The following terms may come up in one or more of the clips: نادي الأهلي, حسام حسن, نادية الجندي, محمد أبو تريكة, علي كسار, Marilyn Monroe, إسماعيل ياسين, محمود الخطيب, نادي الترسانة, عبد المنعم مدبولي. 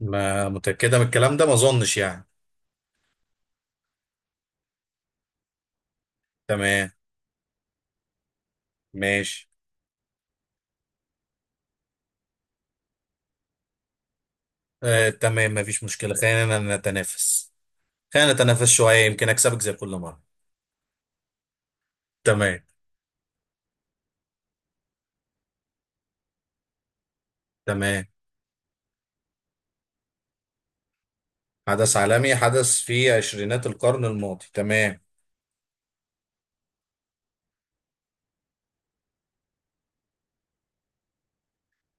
ما متأكدة من الكلام ده، ما أظنش يعني. تمام. ماشي. آه تمام، مفيش مشكلة، خلينا نتنافس. خلينا نتنافس شوية يمكن أكسبك زي كل مرة. تمام. تمام. حدث عالمي حدث في عشرينات القرن الماضي، تمام.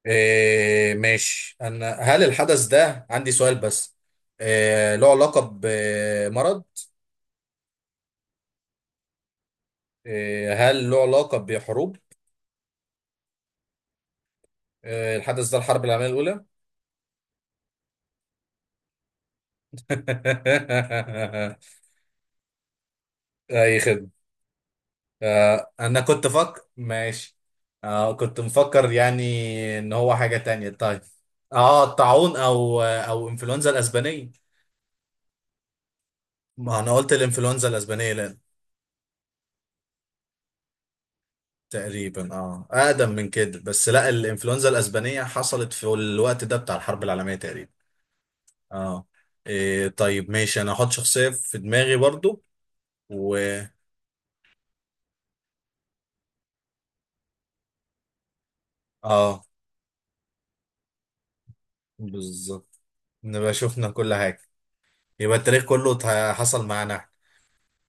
آه ماشي، أنا هل الحدث ده عندي سؤال بس. آه له علاقة بمرض؟ آه هل له علاقة بحروب؟ آه الحدث ده الحرب العالمية الأولى. أي. آه انا كنت فكر ماشي. آه كنت مفكر يعني ان هو حاجة تانية. طيب اه الطاعون او انفلونزا الاسبانية. ما انا قلت الانفلونزا الاسبانية لأن تقريبا. اه اقدم من كده، بس لا، الانفلونزا الاسبانية حصلت في الوقت ده بتاع الحرب العالمية تقريبا. اه. إيه طيب ماشي، انا هحط شخصية في دماغي برضو. و اه بالظبط. نبقى شفنا كل حاجة. يبقى التاريخ كله حصل معانا.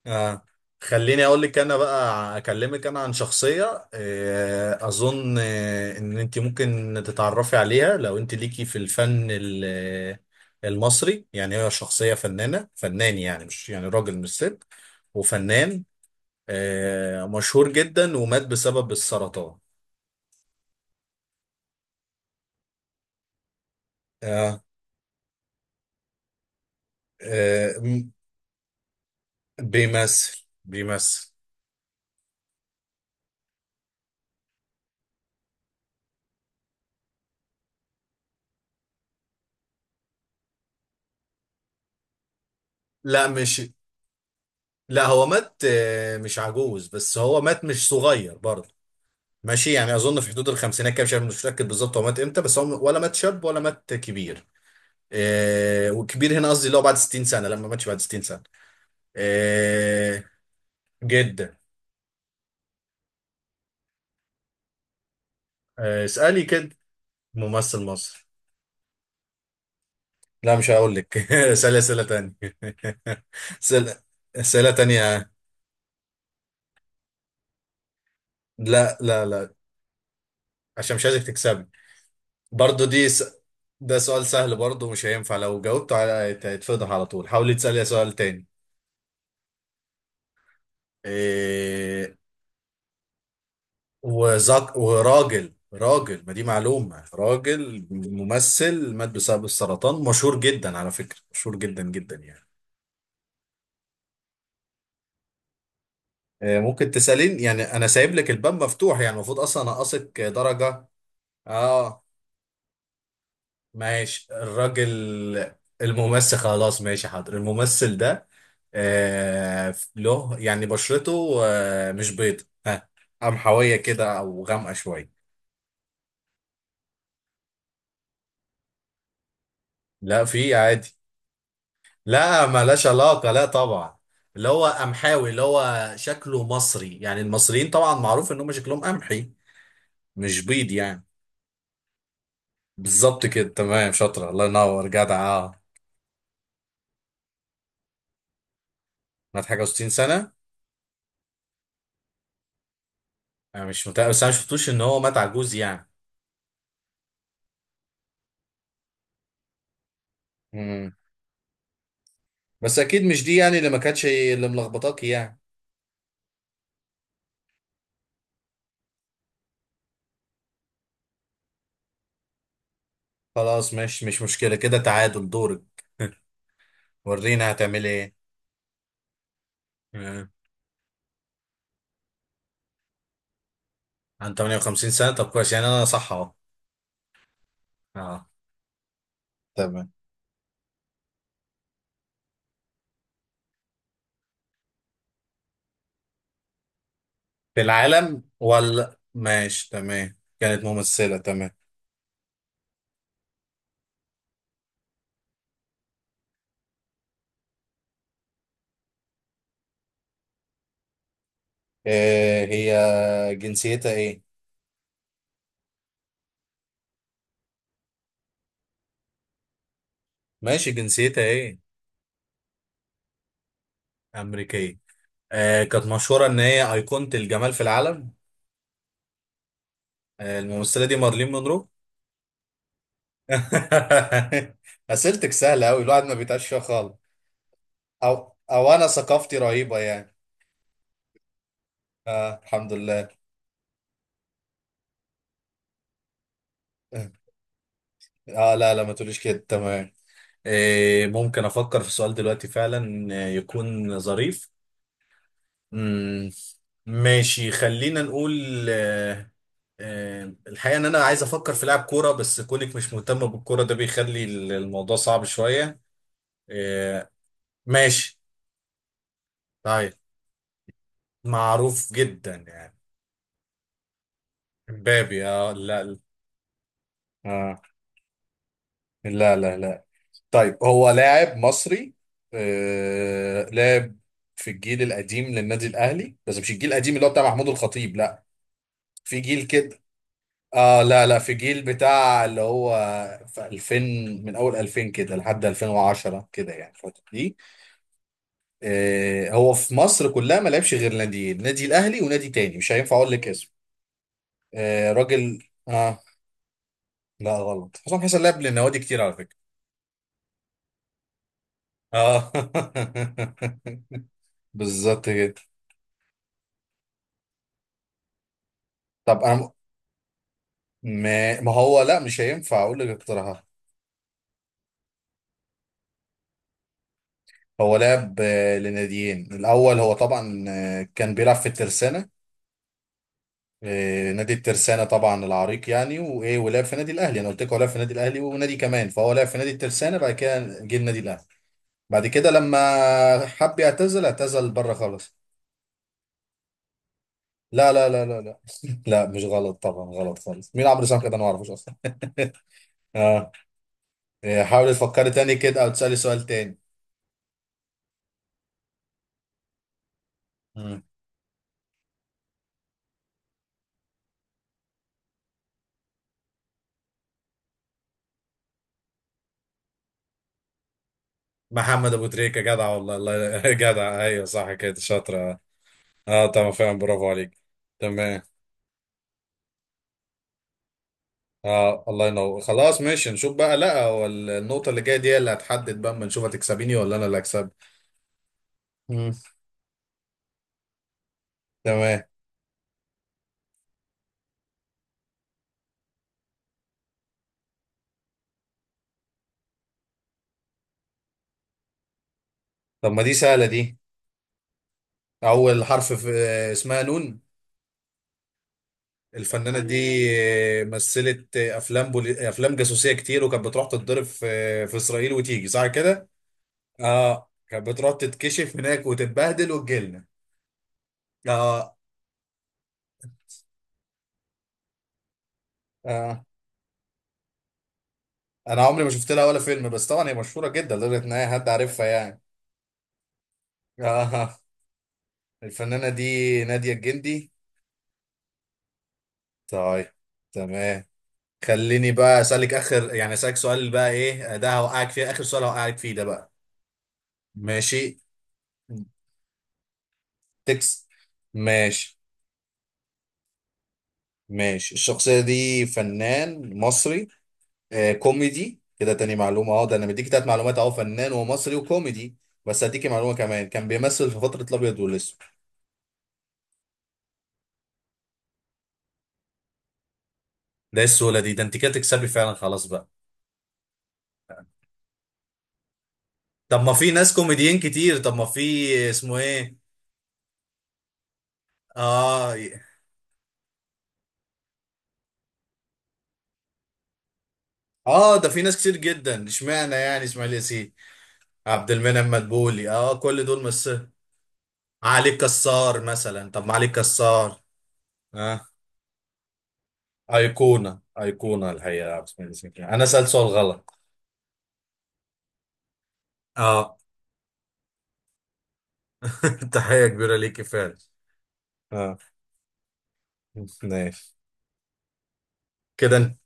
آه. خليني اقول لك، انا بقى اكلمك انا عن شخصيه، اظن ان انت ممكن تتعرفي عليها لو انت ليكي في الفن المصري يعني. هي شخصيه فنان يعني، مش يعني راجل مش ست، وفنان مشهور جدا ومات بسبب السرطان. آه، آه، م- بيمثل بيمثل. لا مش لا، هو مات مش عجوز، بس هو مات مش صغير برضه. ماشي يعني اظن في حدود الخمسينات كده، مش عارف، مش متاكد بالظبط هو مات امتى، بس هو ولا مات شاب ولا مات كبير. إيه، وكبير هنا قصدي اللي هو بعد 60 سنه، لما ماتش بعد 60 سنه. إيه. جدا. إيه اسالي كده. ممثل مصر. لا مش هقول لك. اسالي اسئله تانية. اسئله. اسئله تانية. لا لا لا. عشان مش عايزك تكسبي. برضو دي س... ده سؤال سهل برضو، مش هينفع. لو جاوبته على هيتفضح على طول. حاولي تسالي سؤال تاني. إيه... وزك... وراجل راجل. ما دي معلومة، راجل ممثل مات بسبب السرطان، مشهور جدا، على فكرة مشهور جدا جدا يعني. آه، ممكن تسألين يعني، أنا سايب لك الباب مفتوح يعني، المفروض أصلا أنقصك درجة. آه ماشي الراجل. الممثل، خلاص ماشي حاضر، الممثل ده آه له يعني بشرته آه مش بيض، ها، قمحوية كده أو غامقة شوية. لا في عادي. لا، ملهاش علاقة، لا طبعا. اللي هو قمحاوي، اللي هو شكله مصري يعني، المصريين طبعا معروف ان هم شكلهم قمحي، مش بيض يعني. بالظبط كده، تمام، شاطرة، الله ينور، جدع. اه، مات حاجة و60 سنة. انا مش متأكد، بس انا شفتوش ان هو مات عجوز يعني. امم بس اكيد مش دي يعني اللي ما كانتش، اللي ملخبطاك يعني. خلاص ماشي، مش مشكلة، كده تعادل، دورك. ورينا هتعمل ايه. آه. عن 58 سنة، طب كويس يعني، انا صح اهو. اه. تمام. في العالم ولا؟ ماشي تمام، كانت ممثلة، تمام. آه هي جنسيتها ايه؟ ماشي، جنسيتها ايه؟ أمريكية. آه كانت مشهورة ان هي أيقونة الجمال في العالم. آه الممثلة دي مارلين مونرو. أسئلتك سهلة أوي، الواحد ما بيتعش فيها خالص. أو أنا ثقافتي رهيبة يعني. آه الحمد لله. آه لا لا، ما تقوليش كده، تمام. آه ممكن أفكر في سؤال دلوقتي فعلا يكون ظريف. مم. ماشي خلينا نقول الحقيقة ان انا عايز افكر في لاعب كورة، بس كونك مش مهتمة بالكورة ده بيخلي الموضوع صعب شوية. آه. ماشي. طيب معروف جدا يعني. مبابي؟ اه لا. آه. لا لا لا. طيب هو لاعب مصري لاعب في الجيل القديم للنادي الاهلي، بس مش الجيل القديم اللي هو بتاع محمود الخطيب لا، في جيل كده اه. لا لا، في جيل بتاع اللي هو في 2000، من اول 2000 كده لحد 2010 كده يعني، الفتره دي. آه هو في مصر كلها ما لعبش غير ناديين، نادي الاهلي ونادي تاني، مش هينفع اقول لك اسم. آه راجل. اه. لا غلط، حسام حسن لعب للنوادي كتير على فكره. اه. بالظبط كده. طب انا ما, ما هو لا مش هينفع اقول لك اقتراحات. هو لعب لناديين. الاول هو طبعا كان بيلعب في الترسانه نادي الترسانة، طبعا العريق يعني، وايه، ولعب في نادي الاهلي. انا قلت لك هو لعب في نادي الاهلي ونادي كمان، فهو لعب في نادي الترسانة، بعد كده جه النادي الاهلي، بعد كده لما حب يعتزل، اعتزل بره خالص. لا لا لا لا لا. لا مش غلط، طبعا غلط خالص. مين عمرو سامك ده؟ انا ما اعرفوش اصلا. اه. آه، حاول تفكري تاني كده او تسالي سؤال تاني. مم. محمد ابو تريكه، جدع والله، الله. جدع، ايوه صح كده، شاطره. اه طبعا، فعلا برافو عليك. تمام. اه الله ينور، خلاص ماشي، نشوف بقى. لا هو النقطة اللي جاية دي هي اللي هتحدد بقى، اما نشوف هتكسبيني ولا انا اللي هكسب. مم. تمام. طب ما دي سهلة دي. أول حرف في اسمها نون. الفنانة دي مثلت أفلام جاسوسية كتير، وكانت بتروح تتضرب في في إسرائيل وتيجي، صح كده؟ آه كانت بتروح تتكشف هناك وتتبهدل وتجيلنا. آه. آه. أنا عمري ما شفت لها ولا فيلم، بس طبعا هي مشهورة جدا لدرجة إن أي حد عارفها يعني. آه الفنانة دي نادية الجندي. طيب تمام. خليني بقى اسالك اخر يعني، اسالك سؤال بقى ايه ده هوقعك فيه، اخر سؤال هوقعك فيه ده بقى. ماشي. تكس ماشي ماشي. الشخصيه دي فنان مصري آه كوميدي كده، تاني معلومه اهو، ده انا مديك تلات معلومات اهو، فنان ومصري وكوميدي، بس هديكي معلومه كمان، كان بيمثل في فتره الابيض والاسود. ده إيه السهوله دي؟ ده انت كده تكسبي فعلا، خلاص بقى. طب ما في ناس كوميديين كتير، طب ما في. اسمه ايه؟ اه. اه ده في ناس كتير جدا، اشمعنى يعني اسماعيل ياسين؟ عبد المنعم مدبولي، اه، كل دول، علي كسار مثلا، طب ما علي كسار. اه. ايقونه، ايقونه الحقيقه، اسماعيل ياسين، انا سالت سؤال غلط. اه. تحيه كبيره ليكي فعلا. اه ماشي. كده انت-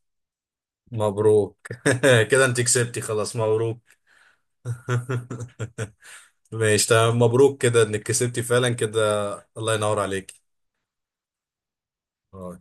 مبروك. كده انت كسبتي، خلاص مبروك. ماشي تمام، مبروك كده انك كسبتي فعلا كده. الله ينور عليك. آه.